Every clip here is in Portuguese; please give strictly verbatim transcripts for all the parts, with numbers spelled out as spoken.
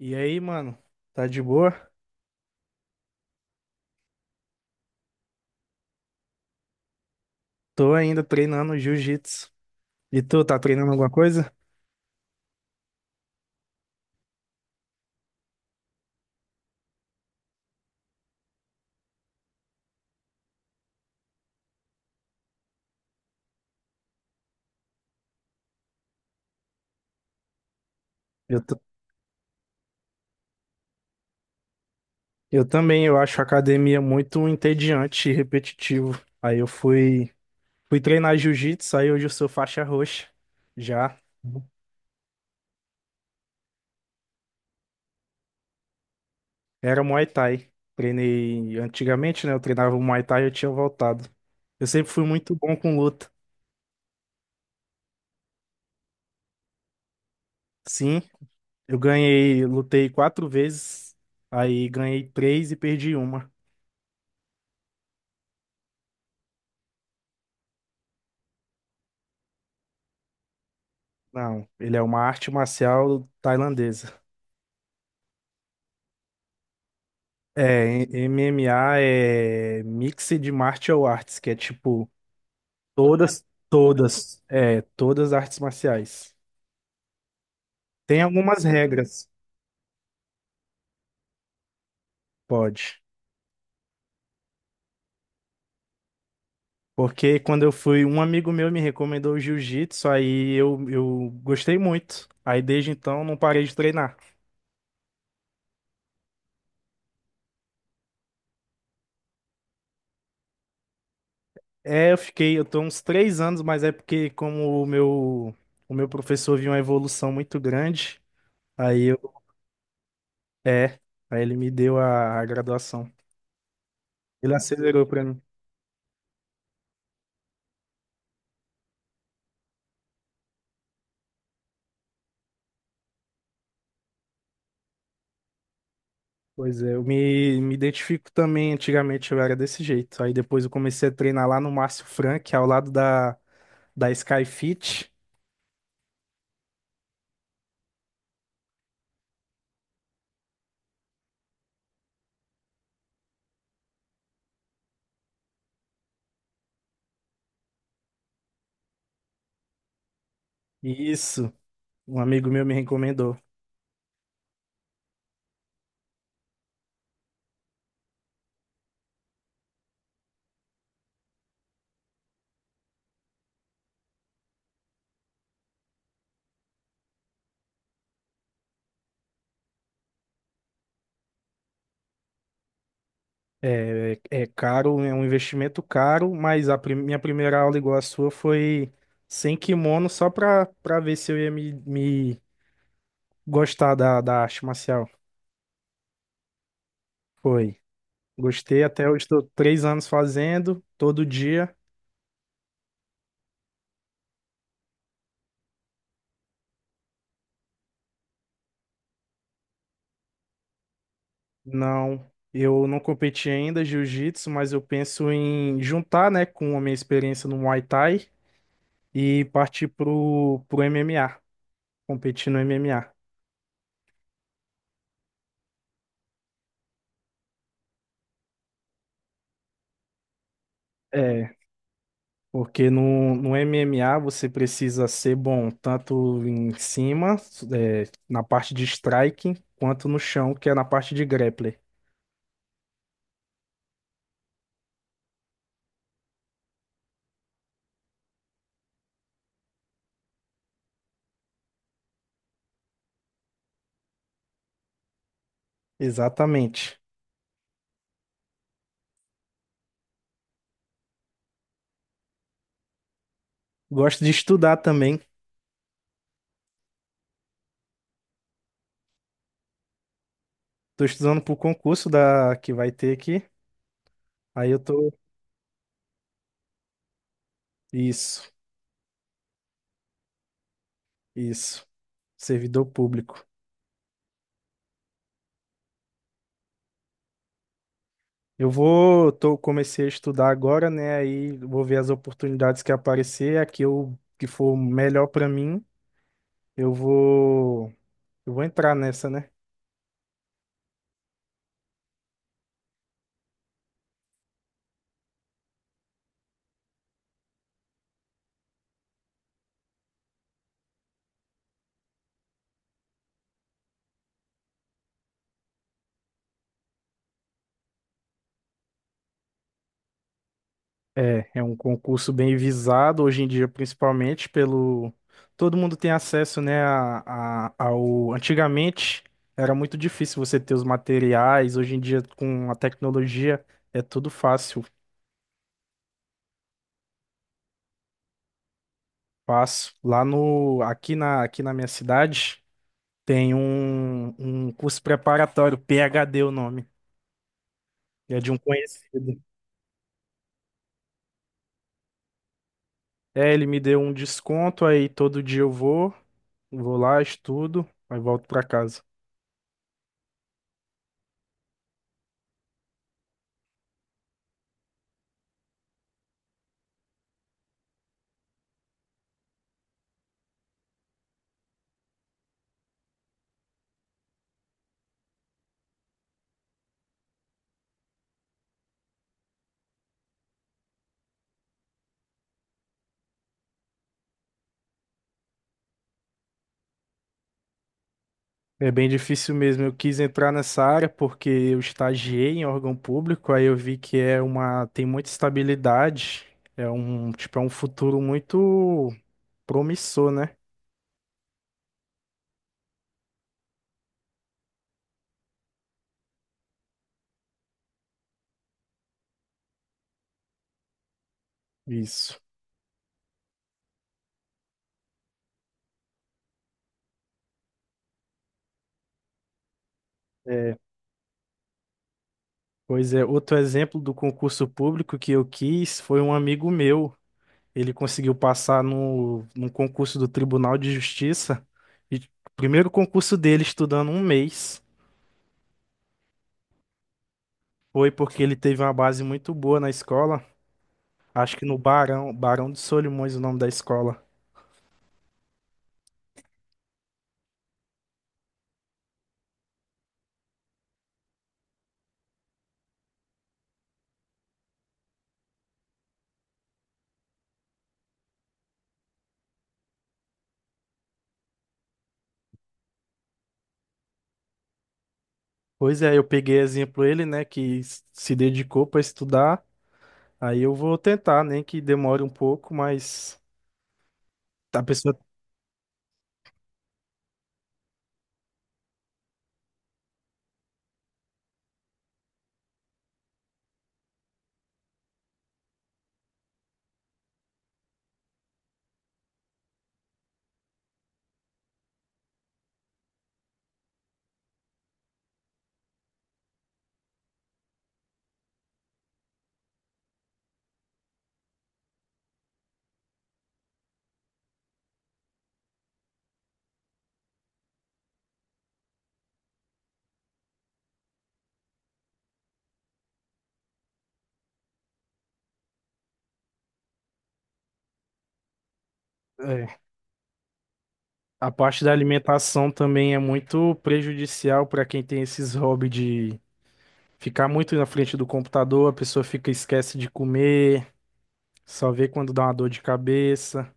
E aí, mano? Tá de boa? Tô ainda treinando jiu-jitsu. E tu, tá treinando alguma coisa? Eu, t- eu também, eu acho a academia muito entediante e repetitivo. Aí eu fui, fui treinar jiu-jitsu, aí hoje eu sou faixa roxa. Já era Muay Thai. Treinei antigamente, né? Eu treinava o Muay Thai e eu tinha voltado. Eu sempre fui muito bom com luta. Sim, eu ganhei, lutei quatro vezes, aí ganhei três e perdi uma. Não, ele é uma arte marcial tailandesa. É, em- M M A é Mixed Martial Arts, que é tipo todas, todas, é, todas artes marciais. Tem algumas regras, pode. Porque quando eu fui, um amigo meu me recomendou o jiu-jitsu, aí eu, eu gostei muito. Aí desde então não parei de treinar. É, eu fiquei, eu tô uns três anos, mas é porque como o meu, o meu professor viu uma evolução muito grande, aí eu, é, aí ele me deu a, a graduação. Ele acelerou pra mim. Pois é, eu me, me identifico também, antigamente eu era desse jeito. Aí depois eu comecei a treinar lá no Márcio Frank, ao lado da, da Sky Fit. Isso, um amigo meu me recomendou. É, é é caro, é um investimento caro, mas a prim- minha primeira aula igual a sua foi sem kimono, só pra, pra ver se eu ia me, me gostar da, da arte marcial. Foi. Gostei, até hoje estou três anos fazendo, todo dia. Não, eu não competi ainda jiu-jitsu, mas eu penso em juntar, né, com a minha experiência no Muay Thai e partir pro, pro M M A, competir no M M A. Porque no, no M M A você precisa ser bom tanto em cima, é, na parte de striking, quanto no chão, que é na parte de grappler. Exatamente. Gosto de estudar também. Tô estudando pro concurso da que vai ter aqui. Aí eu tô. Isso, isso. Servidor público. Eu vou, tô, comecei a estudar agora, né? Aí vou ver as oportunidades que aparecer, a que eu, que for melhor pra mim, eu vou, eu vou entrar nessa, né? É, é um concurso bem visado hoje em dia, principalmente pelo. Todo mundo tem acesso, né, a, a- ao. Antigamente era muito difícil você ter os materiais, hoje em dia com a tecnologia é tudo fácil, fácil. Lá no. Aqui na, aqui na minha cidade tem um, um curso preparatório, P H D o nome, é de um conhecido. É, ele me deu um desconto, aí todo dia eu vou, vou lá, estudo, aí volto pra casa. É bem difícil mesmo. Eu quis entrar nessa área porque eu estagiei em órgão público, aí eu vi que é uma, tem muita estabilidade, é um, tipo, é um futuro muito promissor, né? Isso. É, pois é, outro exemplo do concurso público que eu quis foi um amigo meu. Ele conseguiu passar no, no concurso do Tribunal de Justiça e o primeiro concurso dele estudando um mês. Foi porque ele teve uma base muito boa na escola. Acho que no Barão, Barão de Solimões, o nome da escola. Pois é, eu peguei exemplo ele, né, que s- se dedicou para estudar. Aí eu vou tentar, nem que demore um pouco, mas a pessoa, é, a parte da alimentação também é muito prejudicial para quem tem esses hobbies de ficar muito na frente do computador, a pessoa fica esquece de comer, só vê quando dá uma dor de cabeça.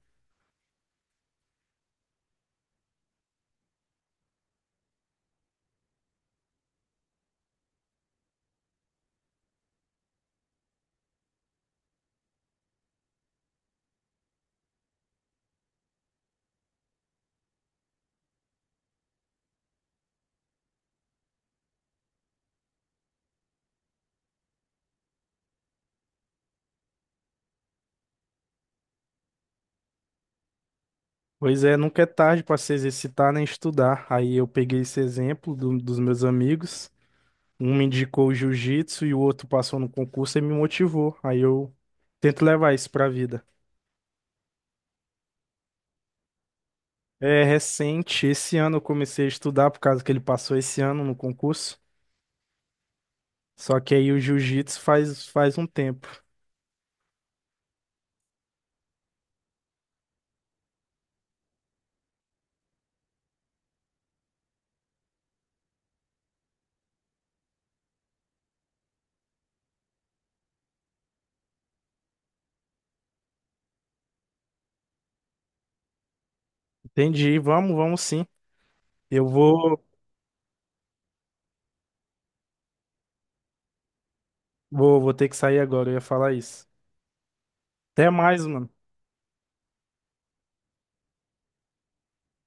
Pois é, nunca é tarde para se exercitar nem estudar. Aí eu peguei esse exemplo do- dos meus amigos. Um me indicou o jiu-jitsu e o outro passou no concurso e me motivou. Aí eu tento levar isso pra vida. É recente, esse ano eu comecei a estudar por causa que ele passou esse ano no concurso. Só que aí o jiu-jitsu faz, faz um tempo. Entendi, vamos, vamos sim. Eu vou, vou, vou ter que sair agora, eu ia falar isso. Até mais, mano.